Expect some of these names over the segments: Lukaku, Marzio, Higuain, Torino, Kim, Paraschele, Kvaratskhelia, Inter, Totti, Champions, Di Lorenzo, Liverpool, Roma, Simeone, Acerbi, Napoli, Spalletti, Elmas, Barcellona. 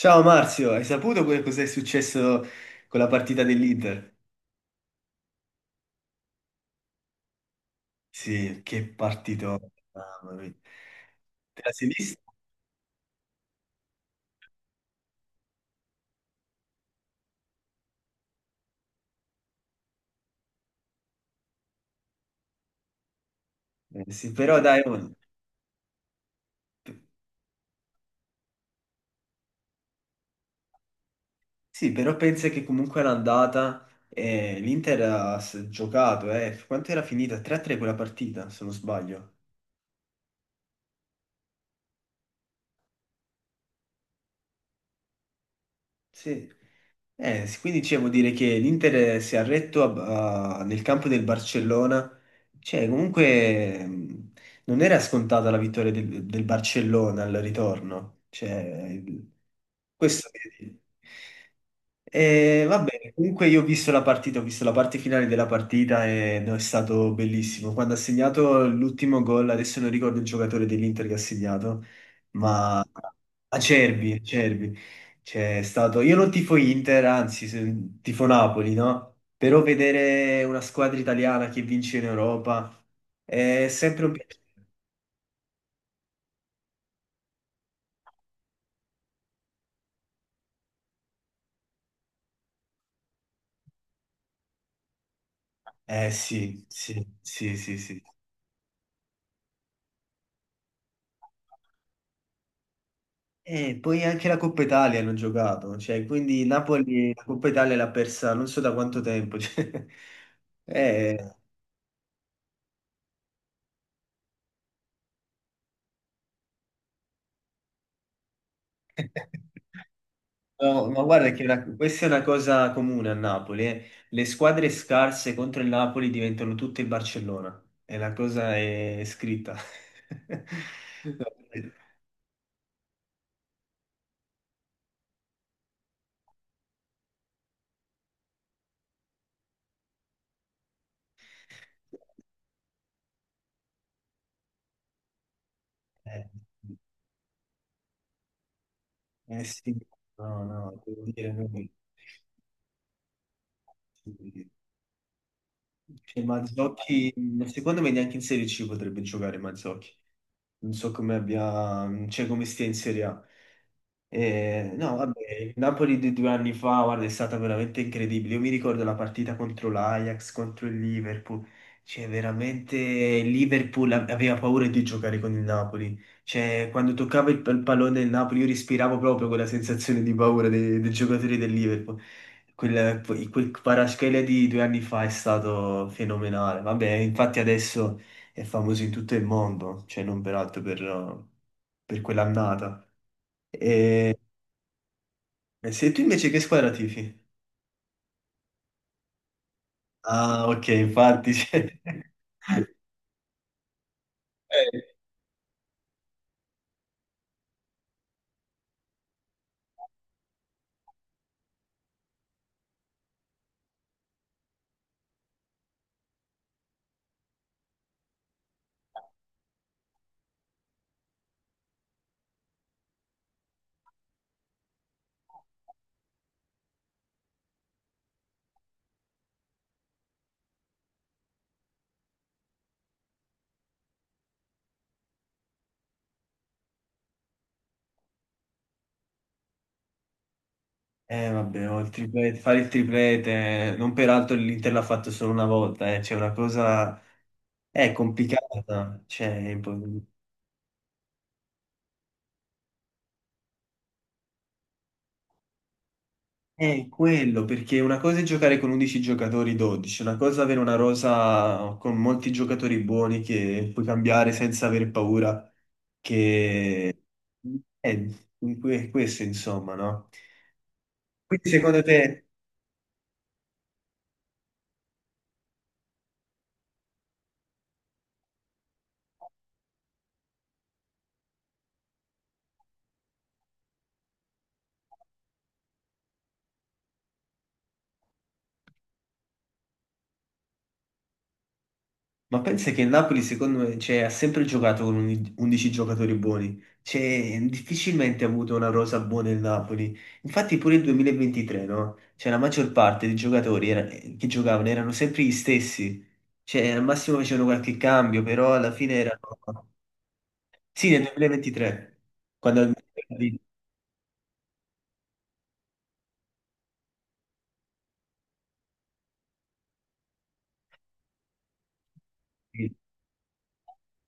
Ciao Marzio, hai saputo cos'è successo con la partita dell'Inter? Sì, che partito, mamma mia. Te la sei vista? Sì, però dai, oh, sì, però pensa che comunque l'andata l'Inter ha giocato, eh. Quanto era finita? 3-3 quella partita, se non sbaglio. Sì. Quindi cioè, vuol dire che l'Inter si è arretto nel campo del Barcellona. Cioè, comunque non era scontata la vittoria del Barcellona al ritorno. Cioè, questo voglio dire. Va bene, comunque io ho visto la partita, ho visto la parte finale della partita e no, è stato bellissimo. Quando ha segnato l'ultimo gol, adesso non ricordo il giocatore dell'Inter che ha segnato, ma Acerbi, Acerbi. C'è stato, io non tifo Inter, anzi, tifo Napoli, no? Però vedere una squadra italiana che vince in Europa è sempre un piacere. Eh sì, sì, sì, sì, sì. E poi anche la Coppa Italia hanno giocato, cioè, quindi Napoli la Coppa Italia l'ha persa non so da quanto tempo. Cioè, eh. No, ma guarda che questa è una cosa comune a Napoli. Eh. Le squadre scarse contro il Napoli diventano tutte il Barcellona. E la cosa è scritta. Eh, eh sì, no, no, devo dire no. Cioè, Mazzocchi, secondo me neanche in Serie C potrebbe giocare Mazzocchi. Non so come abbia, cioè come stia in Serie A. No, vabbè, il Napoli di 2 anni fa, guarda, è stata veramente incredibile. Io mi ricordo la partita contro l'Ajax, contro il Liverpool. Cioè, veramente il Liverpool aveva paura di giocare con il Napoli. Cioè, quando toccava il pallone del Napoli, io respiravo proprio quella sensazione di paura dei giocatori del Liverpool. Quel, quel Paraschele di 2 anni fa è stato fenomenale. Vabbè, infatti adesso è famoso in tutto il mondo, cioè non peraltro per quell'annata. E e se tu invece che squadra tifi? Ah, ok, infatti. Vabbè, fare il triplete, non peraltro l'Inter l'ha fatto solo una volta, c'è una cosa... È complicata, cioè, è quello, perché una cosa è giocare con 11 giocatori, 12, una cosa è avere una rosa con molti giocatori buoni che puoi cambiare senza aver paura che... È questo, insomma, no? Quindi secondo te... Ma pensa che il Napoli, secondo me, cioè, ha sempre giocato con 11 giocatori buoni. Cioè, difficilmente ha avuto una rosa buona il Napoli. Infatti pure il 2023, no? Cioè, la maggior parte dei giocatori che giocavano erano sempre gli stessi. Cioè, al massimo facevano qualche cambio, però alla fine erano... Sì, nel 2023, quando...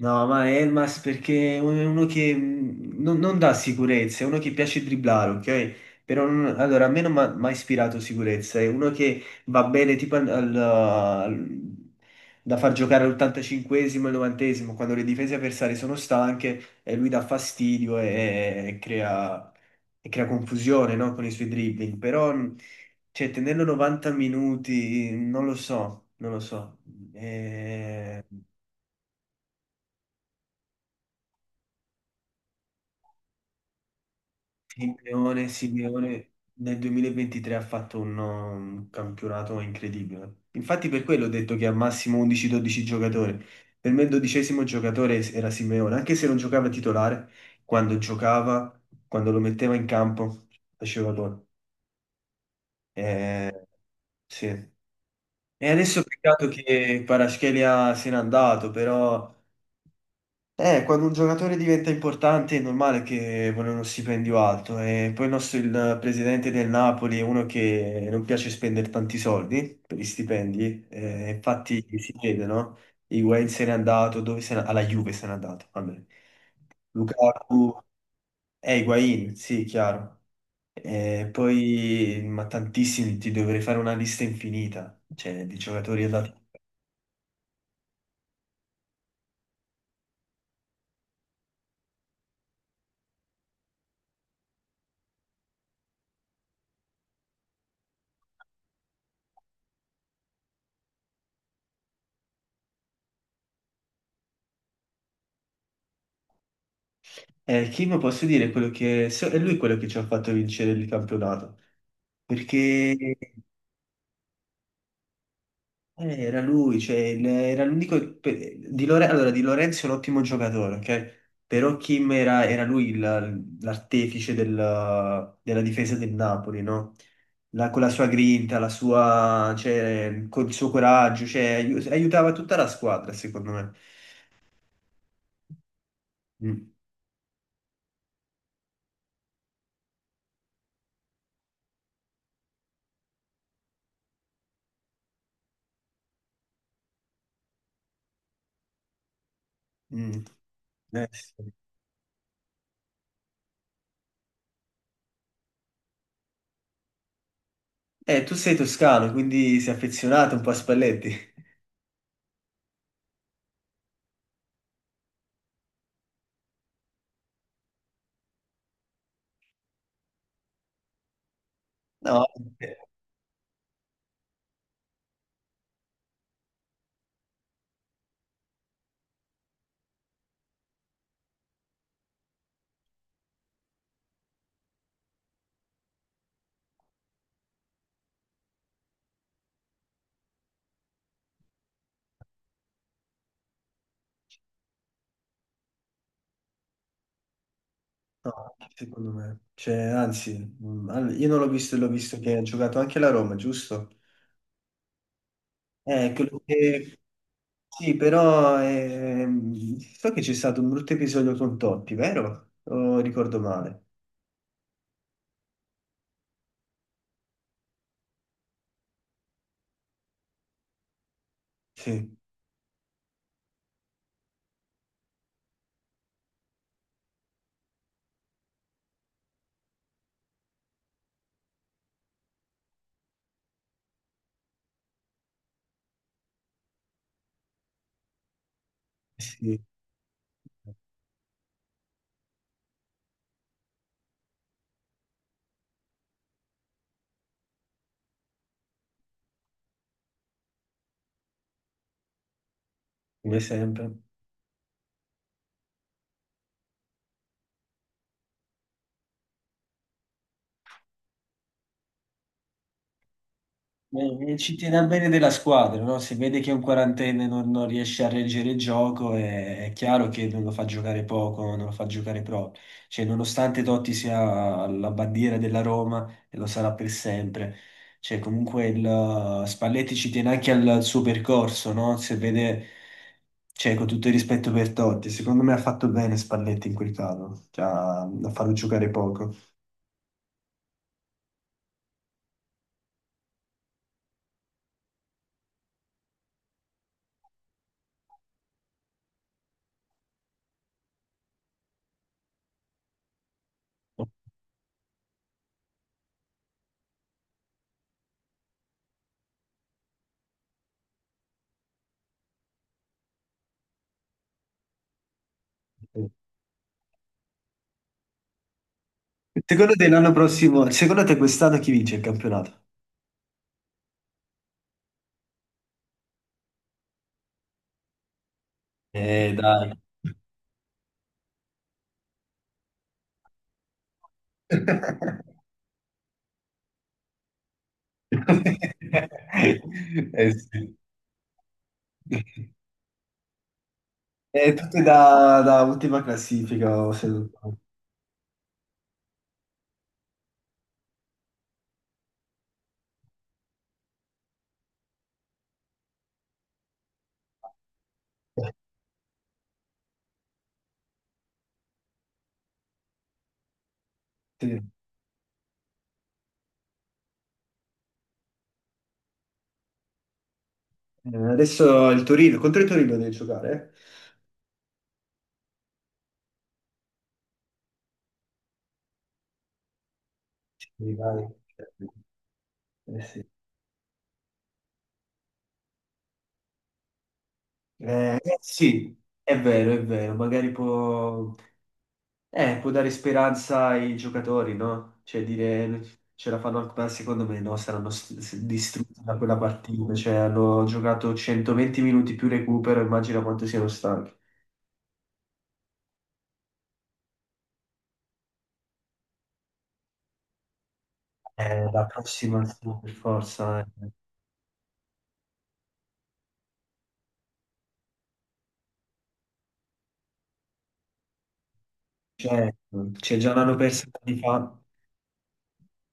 No, ma Elmas perché è uno che non dà sicurezza, è uno che piace dribblare, ok? Però allora, a me non mi ha mai ispirato sicurezza, è uno che va bene tipo da far giocare all'85esimo e al 90esimo, quando le difese avversarie sono stanche e lui dà fastidio e crea confusione, no? Con i suoi dribbling. Però, cioè, tenerlo 90 minuti, non lo so, non lo so. Eh, Simeone, Simeone nel 2023 ha fatto un campionato incredibile. Infatti per quello ho detto che al massimo 11-12 giocatori. Per me il dodicesimo giocatore era Simeone, anche se non giocava titolare, quando giocava, quando lo metteva in campo, faceva gol. Eh, sì. E adesso peccato che Kvaratskhelia se n'è andato, però quando un giocatore diventa importante è normale che vuole uno stipendio alto e poi il presidente del Napoli è uno che non piace spendere tanti soldi per gli stipendi, infatti si vede, no? Higuain se n'è andato, dove se n'è? Alla Juve se n'è andato, vabbè. Lukaku, Higuain, sì, chiaro. Poi, ma tantissimi, ti dovrei fare una lista infinita, cioè di giocatori andati. Kim posso dire quello che è lui quello che ci ha fatto vincere il campionato perché eh, era lui, cioè era l'unico allora, Di Lorenzo è un ottimo giocatore, ok? Però Kim era lui l'artefice della difesa del Napoli, no? Con la sua grinta, la sua, cioè, col suo coraggio, cioè, aiutava tutta la squadra, secondo me. Mm, mm. Sì. Tu sei toscano, quindi sei affezionato un po' a Spalletti. No, eh, no, secondo me. Cioè, anzi, io non l'ho visto e l'ho visto che ha giocato anche la Roma, giusto? Quello che... Sì, però so che c'è stato un brutto episodio con Totti, vero? O ricordo male? Sì, sì, come sempre. Eh, ci tiene al bene della squadra, no? Se vede che un quarantenne non riesce a reggere il gioco, è chiaro che non lo fa giocare poco, non lo fa giocare proprio. Cioè, nonostante Totti sia la bandiera della Roma, e lo sarà per sempre, cioè, comunque Spalletti ci tiene anche al suo percorso, no? Se vede, cioè, con tutto il rispetto per Totti, secondo me ha fatto bene Spalletti in quel caso, cioè, a farlo giocare poco. Secondo te quest'anno chi vince il campionato? Dai. Eh sì. Tutte da ultima classifica, o se non sbaglio. Sì. Adesso il Torino, contro il Torino devi giocare? Eh? Sì, dai. Sì. Sì, è vero, magari può... può dare speranza ai giocatori, no? Cioè dire ce la fanno anche, ma secondo me no, saranno distrutti da quella partita, cioè hanno giocato 120 minuti più recupero, immagina quanto siano stanchi. La prossima sì, per forza, eh. Cioè, cioè, già l'hanno persa anni fa.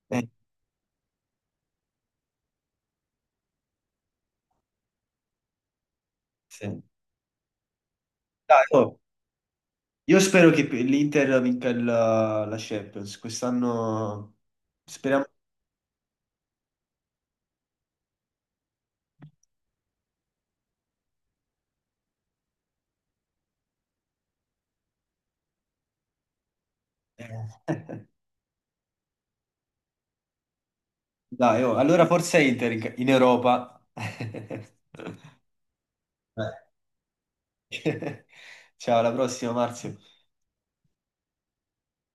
Eh, sì. Dai, oh, io spero che l'Inter vinca la Champions, quest'anno speriamo. Eh. Dai, oh, allora forza Inter in Europa. Eh. Ciao, alla prossima, Marzio.